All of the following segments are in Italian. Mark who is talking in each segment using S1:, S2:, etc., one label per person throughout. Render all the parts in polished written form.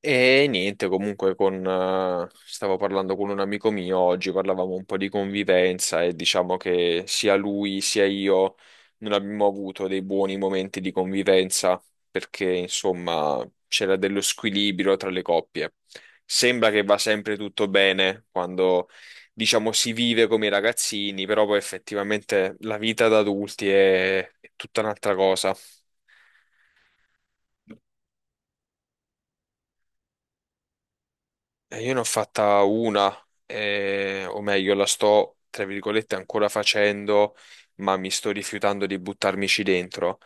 S1: E niente, comunque con, stavo parlando con un amico mio oggi, parlavamo un po' di convivenza e diciamo che sia lui sia io non abbiamo avuto dei buoni momenti di convivenza perché insomma c'era dello squilibrio tra le coppie. Sembra che va sempre tutto bene quando diciamo si vive come i ragazzini, però poi effettivamente la vita da adulti è tutta un'altra cosa. Io ne ho fatta una, o meglio, la sto, tra virgolette, ancora facendo, ma mi sto rifiutando di buttarmici dentro,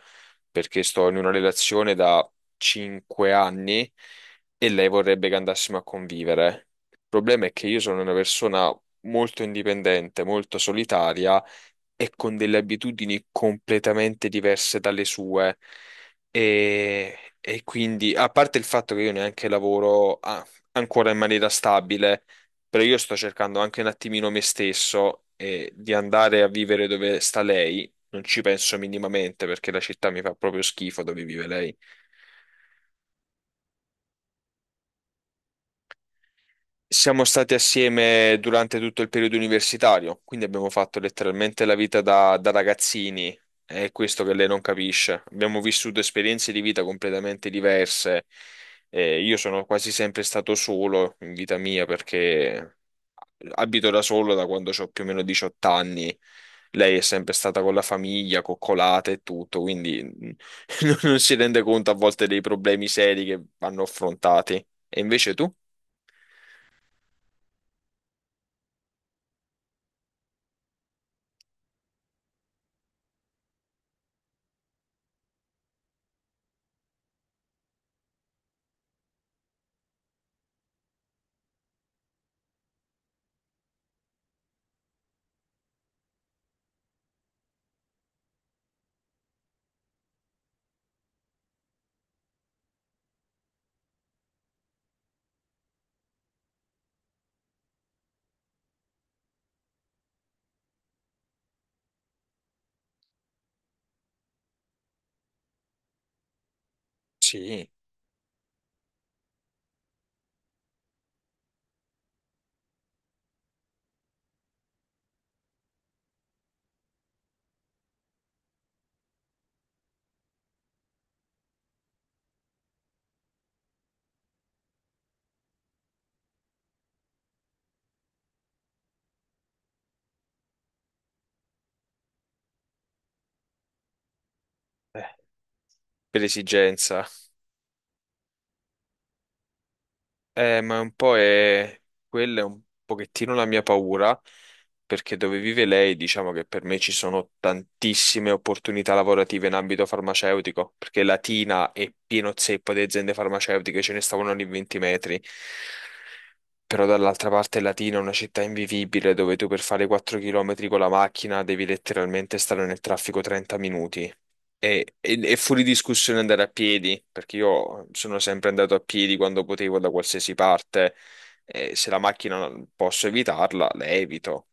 S1: perché sto in una relazione da 5 anni e lei vorrebbe che andassimo a convivere. Il problema è che io sono una persona molto indipendente, molto solitaria e con delle abitudini completamente diverse dalle sue. E quindi, a parte il fatto che io neanche lavoro, ancora in maniera stabile, però io sto cercando anche un attimino me stesso e di andare a vivere dove sta lei. Non ci penso minimamente perché la città mi fa proprio schifo dove vive lei. Siamo stati assieme durante tutto il periodo universitario, quindi abbiamo fatto letteralmente la vita da ragazzini, è questo che lei non capisce. Abbiamo vissuto esperienze di vita completamente diverse. Io sono quasi sempre stato solo in vita mia perché abito da solo da quando ho più o meno 18 anni. Lei è sempre stata con la famiglia, coccolata e tutto, quindi non si rende conto a volte dei problemi seri che vanno affrontati. E invece tu? Sì, eh, per esigenza. Ma un po' è... quella è un pochettino la mia paura, perché dove vive lei, diciamo che per me ci sono tantissime opportunità lavorative in ambito farmaceutico, perché Latina è pieno zeppo di aziende farmaceutiche, ce ne stavano ogni 20 metri. Però dall'altra parte Latina è una città invivibile dove tu per fare 4 km con la macchina devi letteralmente stare nel traffico 30 minuti. E, è fuori discussione andare a piedi, perché io sono sempre andato a piedi quando potevo da qualsiasi parte. E se la macchina posso evitarla, la evito.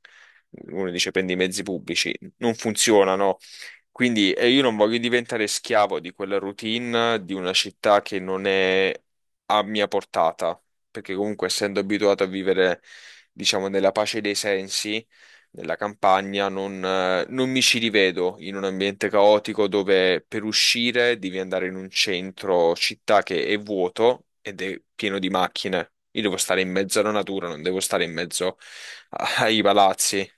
S1: Uno dice prendi i mezzi pubblici, non funzionano. Quindi io non voglio diventare schiavo di quella routine di una città che non è a mia portata, perché comunque essendo abituato a vivere, diciamo, nella pace dei sensi nella campagna, non, non mi ci rivedo in un ambiente caotico dove per uscire devi andare in un centro città che è vuoto ed è pieno di macchine. Io devo stare in mezzo alla natura, non devo stare in mezzo ai palazzi.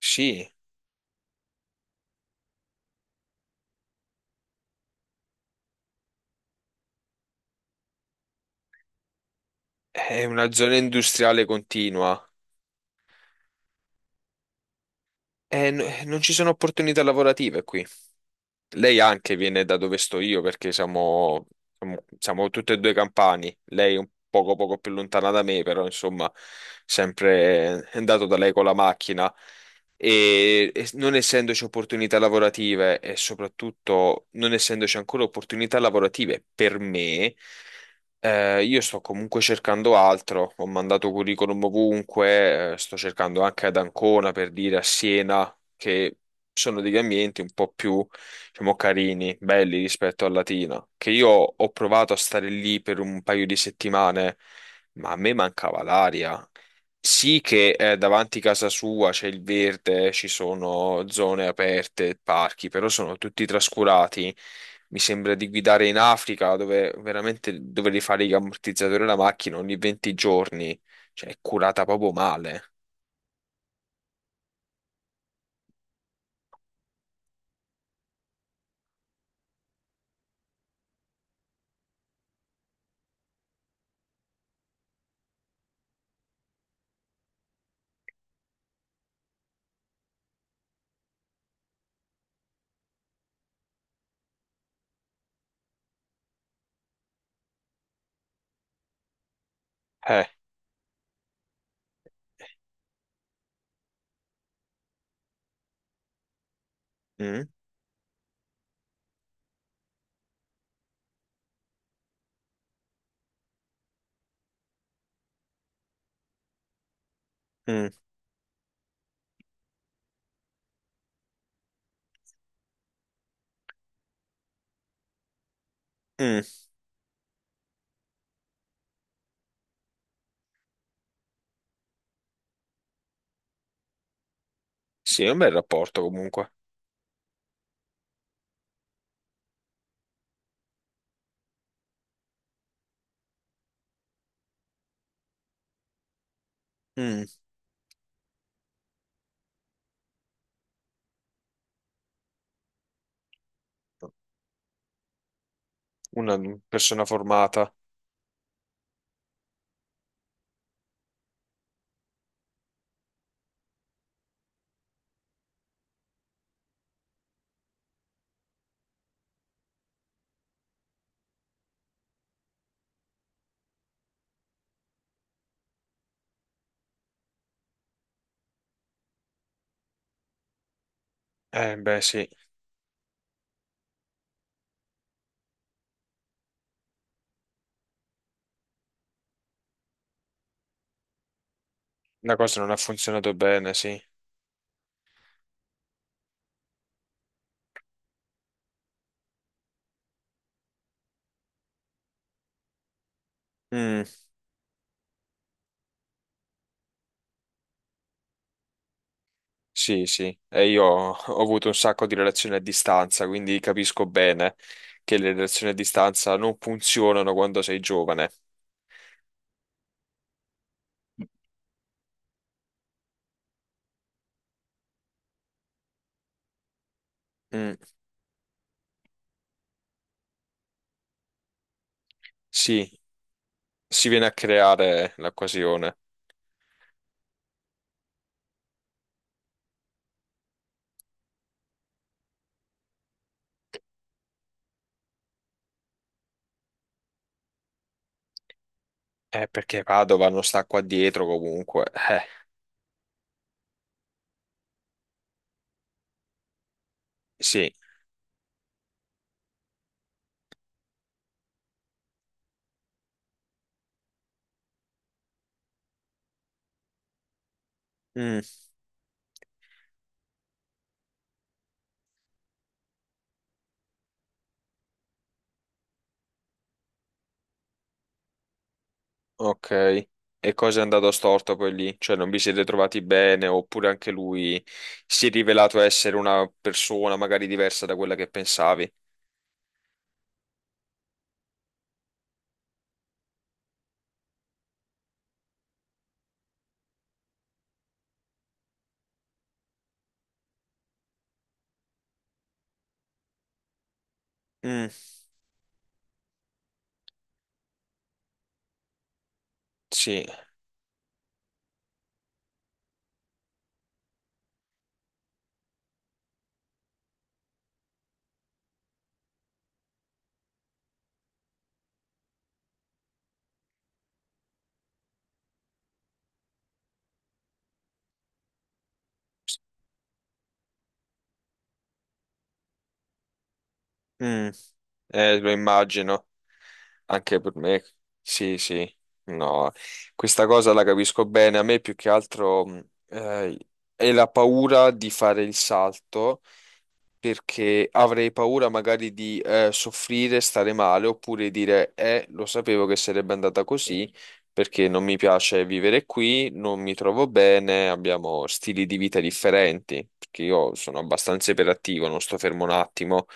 S1: Sì, è una zona industriale continua e non ci sono opportunità lavorative qui. Lei anche viene da dove sto io perché siamo, siamo, tutte e due campani. Lei un poco, poco più lontana da me, però insomma, sempre è andato da lei con la macchina. E non essendoci opportunità lavorative e soprattutto non essendoci ancora opportunità lavorative per me, io sto comunque cercando altro. Ho mandato curriculum ovunque, sto cercando anche ad Ancona per dire a Siena che sono degli ambienti un po' più diciamo, carini, belli rispetto al latino, che io ho provato a stare lì per un paio di settimane, ma a me mancava l'aria. Sì che davanti a casa sua c'è il verde, ci sono zone aperte, parchi, però sono tutti trascurati. Mi sembra di guidare in Africa dove veramente dovevi fare gli ammortizzatori alla macchina ogni 20 giorni, cioè è curata proprio male. Eh, mm, mm, mm. Sì, è un bel rapporto comunque. Mm. Una persona formata. Beh, sì, la cosa non ha funzionato bene, sì. Mm, sì, sì. E io ho avuto un sacco di relazioni a distanza, quindi capisco bene che le relazioni a distanza non funzionano quando sei giovane. Mm, sì, si viene a creare l'occasione. Perché Padova non sta qua dietro comunque. Sì. Mm. Ok, e cosa è andato storto poi lì? Cioè non vi siete trovati bene oppure anche lui si è rivelato essere una persona magari diversa da quella che pensavi? Mm, sì, mm, lo immagino, anche per me, sì, sì, no, questa cosa la capisco bene, a me più che altro è la paura di fare il salto perché avrei paura magari di soffrire, stare male, oppure dire, lo sapevo che sarebbe andata così, perché non mi piace vivere qui, non mi trovo bene, abbiamo stili di vita differenti, perché io sono abbastanza iperattivo, non sto fermo un attimo,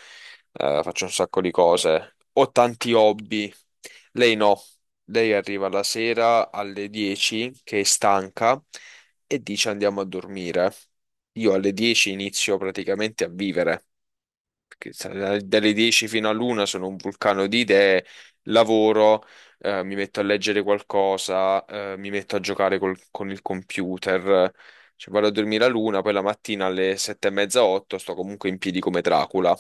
S1: faccio un sacco di cose, ho tanti hobby, lei no. Lei arriva la sera alle 10 che è stanca e dice andiamo a dormire. Io alle 10 inizio praticamente a vivere che dalle 10 fino all'una sono un vulcano di idee, lavoro, mi metto a leggere qualcosa, mi metto a giocare con il computer, cioè vado a dormire all'una, poi la mattina alle 7 e mezza, otto sto comunque in piedi come Dracula.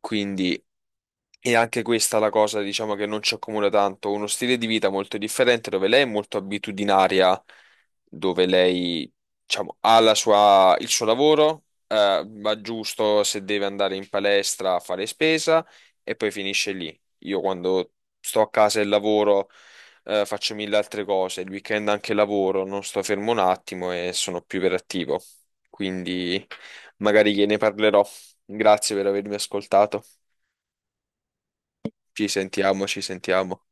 S1: Quindi è anche questa la cosa, diciamo, che non ci accomuna tanto. Uno stile di vita molto differente, dove lei è molto abitudinaria, dove lei, diciamo, ha la il suo lavoro, va giusto se deve andare in palestra a fare spesa e poi finisce lì. Io quando sto a casa e lavoro, faccio mille altre cose. Il weekend anche lavoro, non sto fermo un attimo e sono più iperattivo. Quindi magari gliene parlerò. Grazie per avermi ascoltato. Ci sentiamo, ci sentiamo.